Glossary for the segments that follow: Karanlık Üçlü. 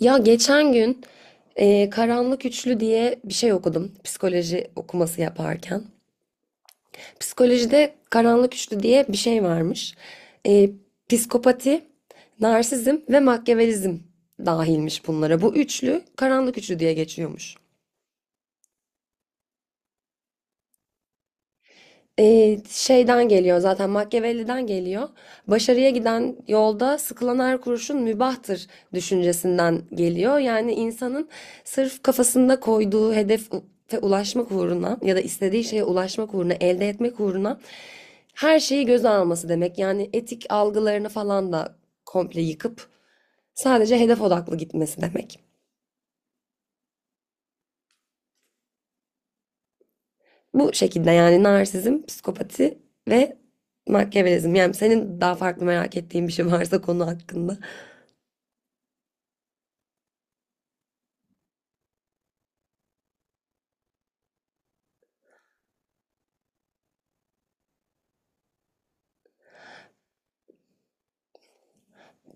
Ya geçen gün Karanlık Üçlü diye bir şey okudum. Psikoloji okuması yaparken. Psikolojide Karanlık Üçlü diye bir şey varmış. E, psikopati, narsizm ve makyavelizm dahilmiş bunlara. Bu üçlü Karanlık Üçlü diye geçiyormuş. Şeyden geliyor zaten, Machiavelli'den geliyor. Başarıya giden yolda sıkılan her kuruşun mübahtır düşüncesinden geliyor. Yani insanın sırf kafasında koyduğu hedefe ulaşmak uğruna ya da istediği şeye ulaşmak uğruna, elde etmek uğruna her şeyi göze alması demek. Yani etik algılarını falan da komple yıkıp sadece hedef odaklı gitmesi demek. Bu şekilde yani narsizm, psikopati ve Machiavellizm. Yani senin daha farklı merak ettiğin bir şey varsa konu hakkında.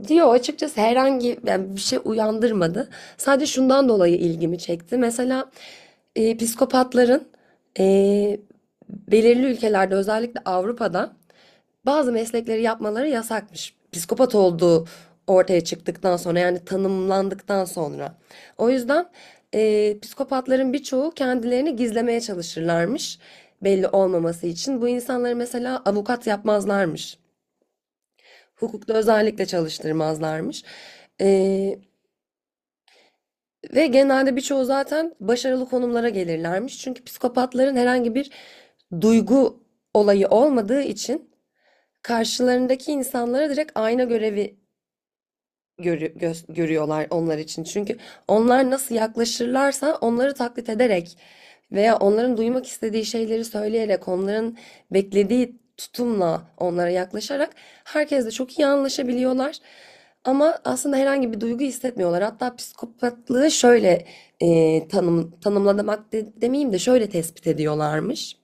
Diyor açıkçası herhangi yani bir şey uyandırmadı. Sadece şundan dolayı ilgimi çekti. Mesela psikopatların e, belirli ülkelerde özellikle Avrupa'da bazı meslekleri yapmaları yasakmış. Psikopat olduğu ortaya çıktıktan sonra yani tanımlandıktan sonra. O yüzden psikopatların birçoğu kendilerini gizlemeye çalışırlarmış belli olmaması için. Bu insanları mesela avukat yapmazlarmış. Hukukta özellikle çalıştırmazlarmış. E, ve genelde birçoğu zaten başarılı konumlara gelirlermiş. Çünkü psikopatların herhangi bir duygu olayı olmadığı için karşılarındaki insanlara direkt ayna görevi görüyorlar onlar için. Çünkü onlar nasıl yaklaşırlarsa onları taklit ederek veya onların duymak istediği şeyleri söyleyerek, onların beklediği tutumla onlara yaklaşarak herkesle çok iyi anlaşabiliyorlar. Ama aslında herhangi bir duygu hissetmiyorlar. Hatta psikopatlığı şöyle tanımlamak demeyeyim de şöyle tespit ediyorlarmış.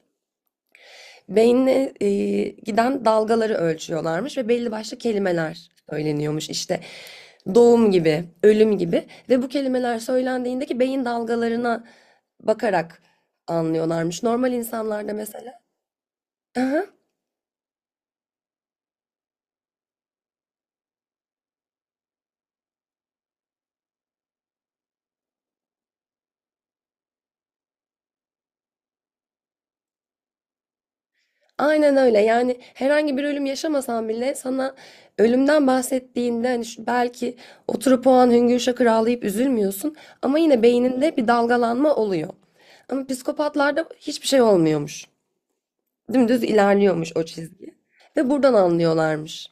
Beynine, giden dalgaları ölçüyorlarmış ve belli başlı kelimeler söyleniyormuş. İşte doğum gibi, ölüm gibi, ve bu kelimeler söylendiğindeki beyin dalgalarına bakarak anlıyorlarmış. Normal insanlarda mesela. Aha, aynen öyle. Yani herhangi bir ölüm yaşamasan bile sana ölümden bahsettiğinde hani belki oturup o an hüngür şakır ağlayıp üzülmüyorsun ama yine beyninde bir dalgalanma oluyor. Ama psikopatlarda hiçbir şey olmuyormuş. Dümdüz ilerliyormuş o çizgi. Ve buradan anlıyorlarmış.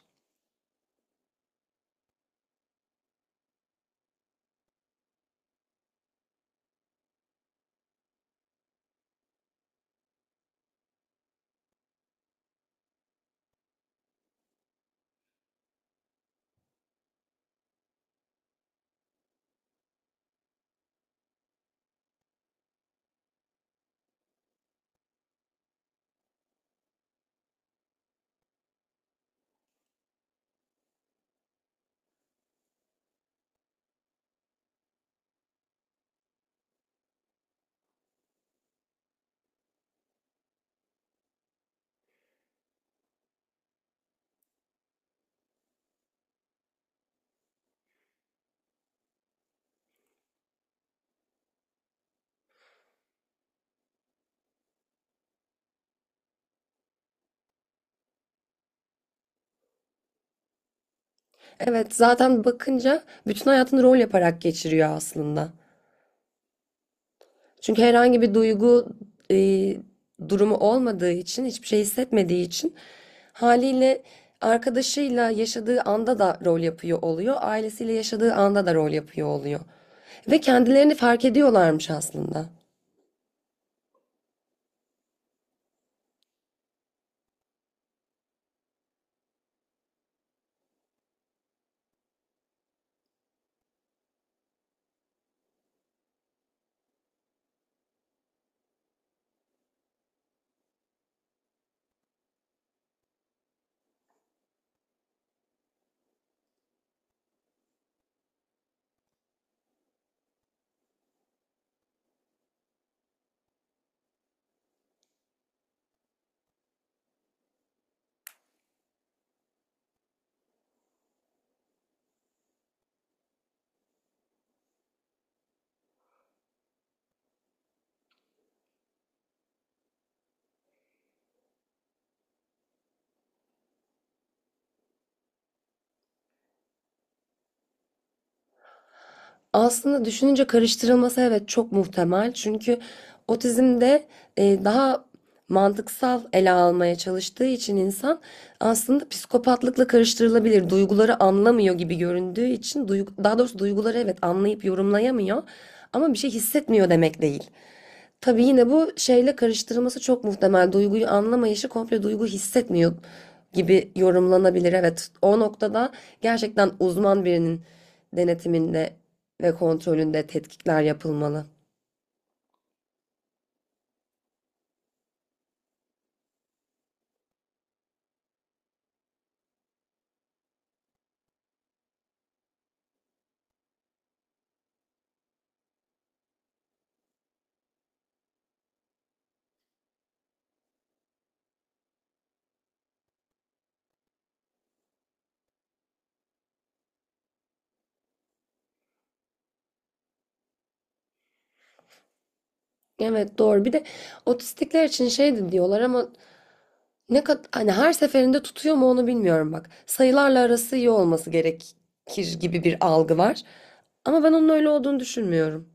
Evet, zaten bakınca bütün hayatını rol yaparak geçiriyor aslında. Çünkü herhangi bir duygu e, durumu olmadığı için, hiçbir şey hissetmediği için haliyle arkadaşıyla yaşadığı anda da rol yapıyor oluyor, ailesiyle yaşadığı anda da rol yapıyor oluyor. Ve kendilerini fark ediyorlarmış aslında. Aslında düşününce karıştırılması evet çok muhtemel. Çünkü otizmde daha mantıksal ele almaya çalıştığı için insan aslında psikopatlıkla karıştırılabilir. Duyguları anlamıyor gibi göründüğü için daha doğrusu duyguları evet anlayıp yorumlayamıyor ama bir şey hissetmiyor demek değil. Tabii yine bu şeyle karıştırılması çok muhtemel. Duyguyu anlamayışı komple duygu hissetmiyor gibi yorumlanabilir. Evet, o noktada gerçekten uzman birinin denetiminde ve kontrolünde tetkikler yapılmalı. Evet, doğru. Bir de otistikler için şey de diyorlar ama ne kadar hani her seferinde tutuyor mu onu bilmiyorum bak. Sayılarla arası iyi olması gerekir gibi bir algı var. Ama ben onun öyle olduğunu düşünmüyorum.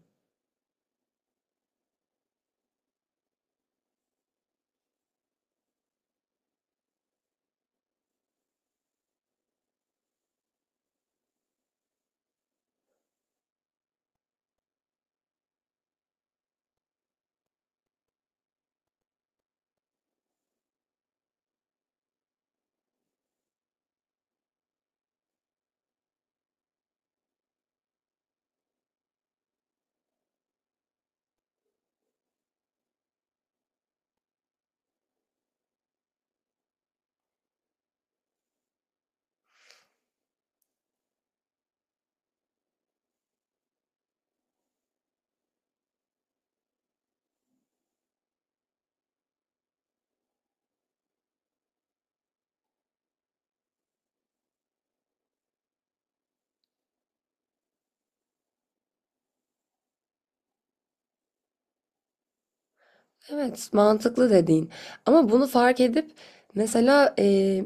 Evet, mantıklı dediğin. Ama bunu fark edip mesela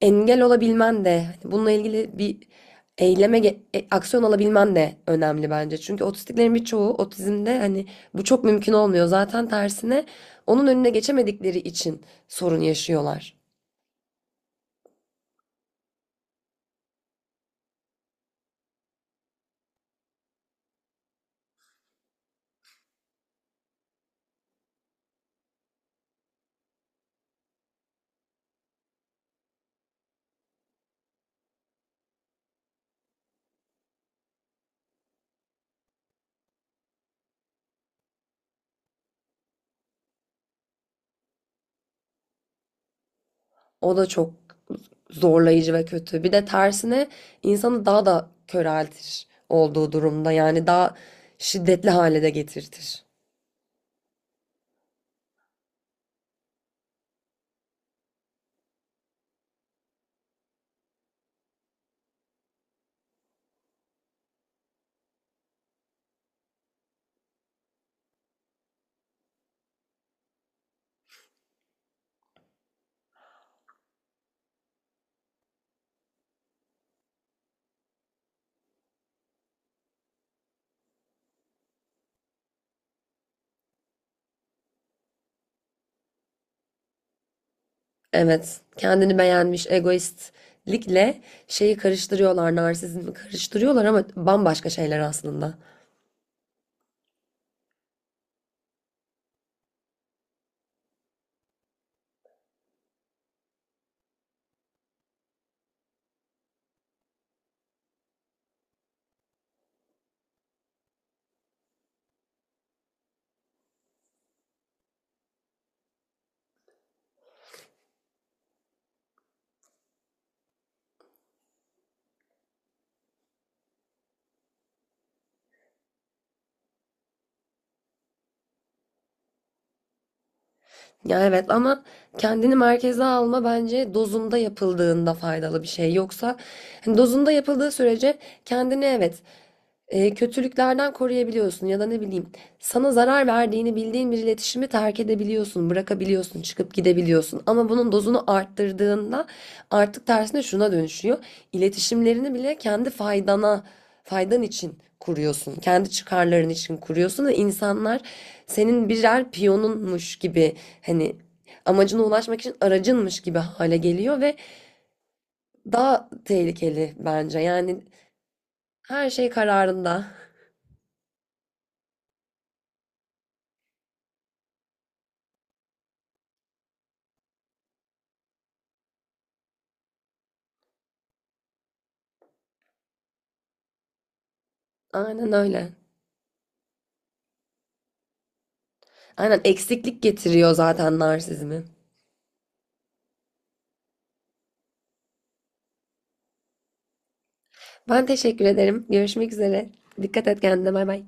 engel olabilmen de hani bununla ilgili bir aksiyon alabilmen de önemli bence. Çünkü otistiklerin birçoğu otizmde hani bu çok mümkün olmuyor. Zaten tersine onun önüne geçemedikleri için sorun yaşıyorlar. O da çok zorlayıcı ve kötü. Bir de tersine insanı daha da köreltir olduğu durumda. Yani daha şiddetli hale de getirtir. Evet, kendini beğenmiş egoistlikle şeyi karıştırıyorlar, narsizmi karıştırıyorlar ama bambaşka şeyler aslında. Ya evet, ama kendini merkeze alma bence dozunda yapıldığında faydalı bir şey. Yoksa hani dozunda yapıldığı sürece kendini evet, kötülüklerden koruyabiliyorsun ya da ne bileyim sana zarar verdiğini bildiğin bir iletişimi terk edebiliyorsun, bırakabiliyorsun, çıkıp gidebiliyorsun. Ama bunun dozunu arttırdığında artık tersine şuna dönüşüyor. İletişimlerini bile kendi faydana, faydan için kuruyorsun. Kendi çıkarların için kuruyorsun ve insanlar senin birer piyonunmuş gibi hani amacına ulaşmak için aracınmış gibi hale geliyor ve daha tehlikeli bence. Yani her şey kararında. Aynen öyle. Aynen, eksiklik getiriyor zaten narsizmi. Ben teşekkür ederim. Görüşmek üzere. Dikkat et kendine. Bay bay.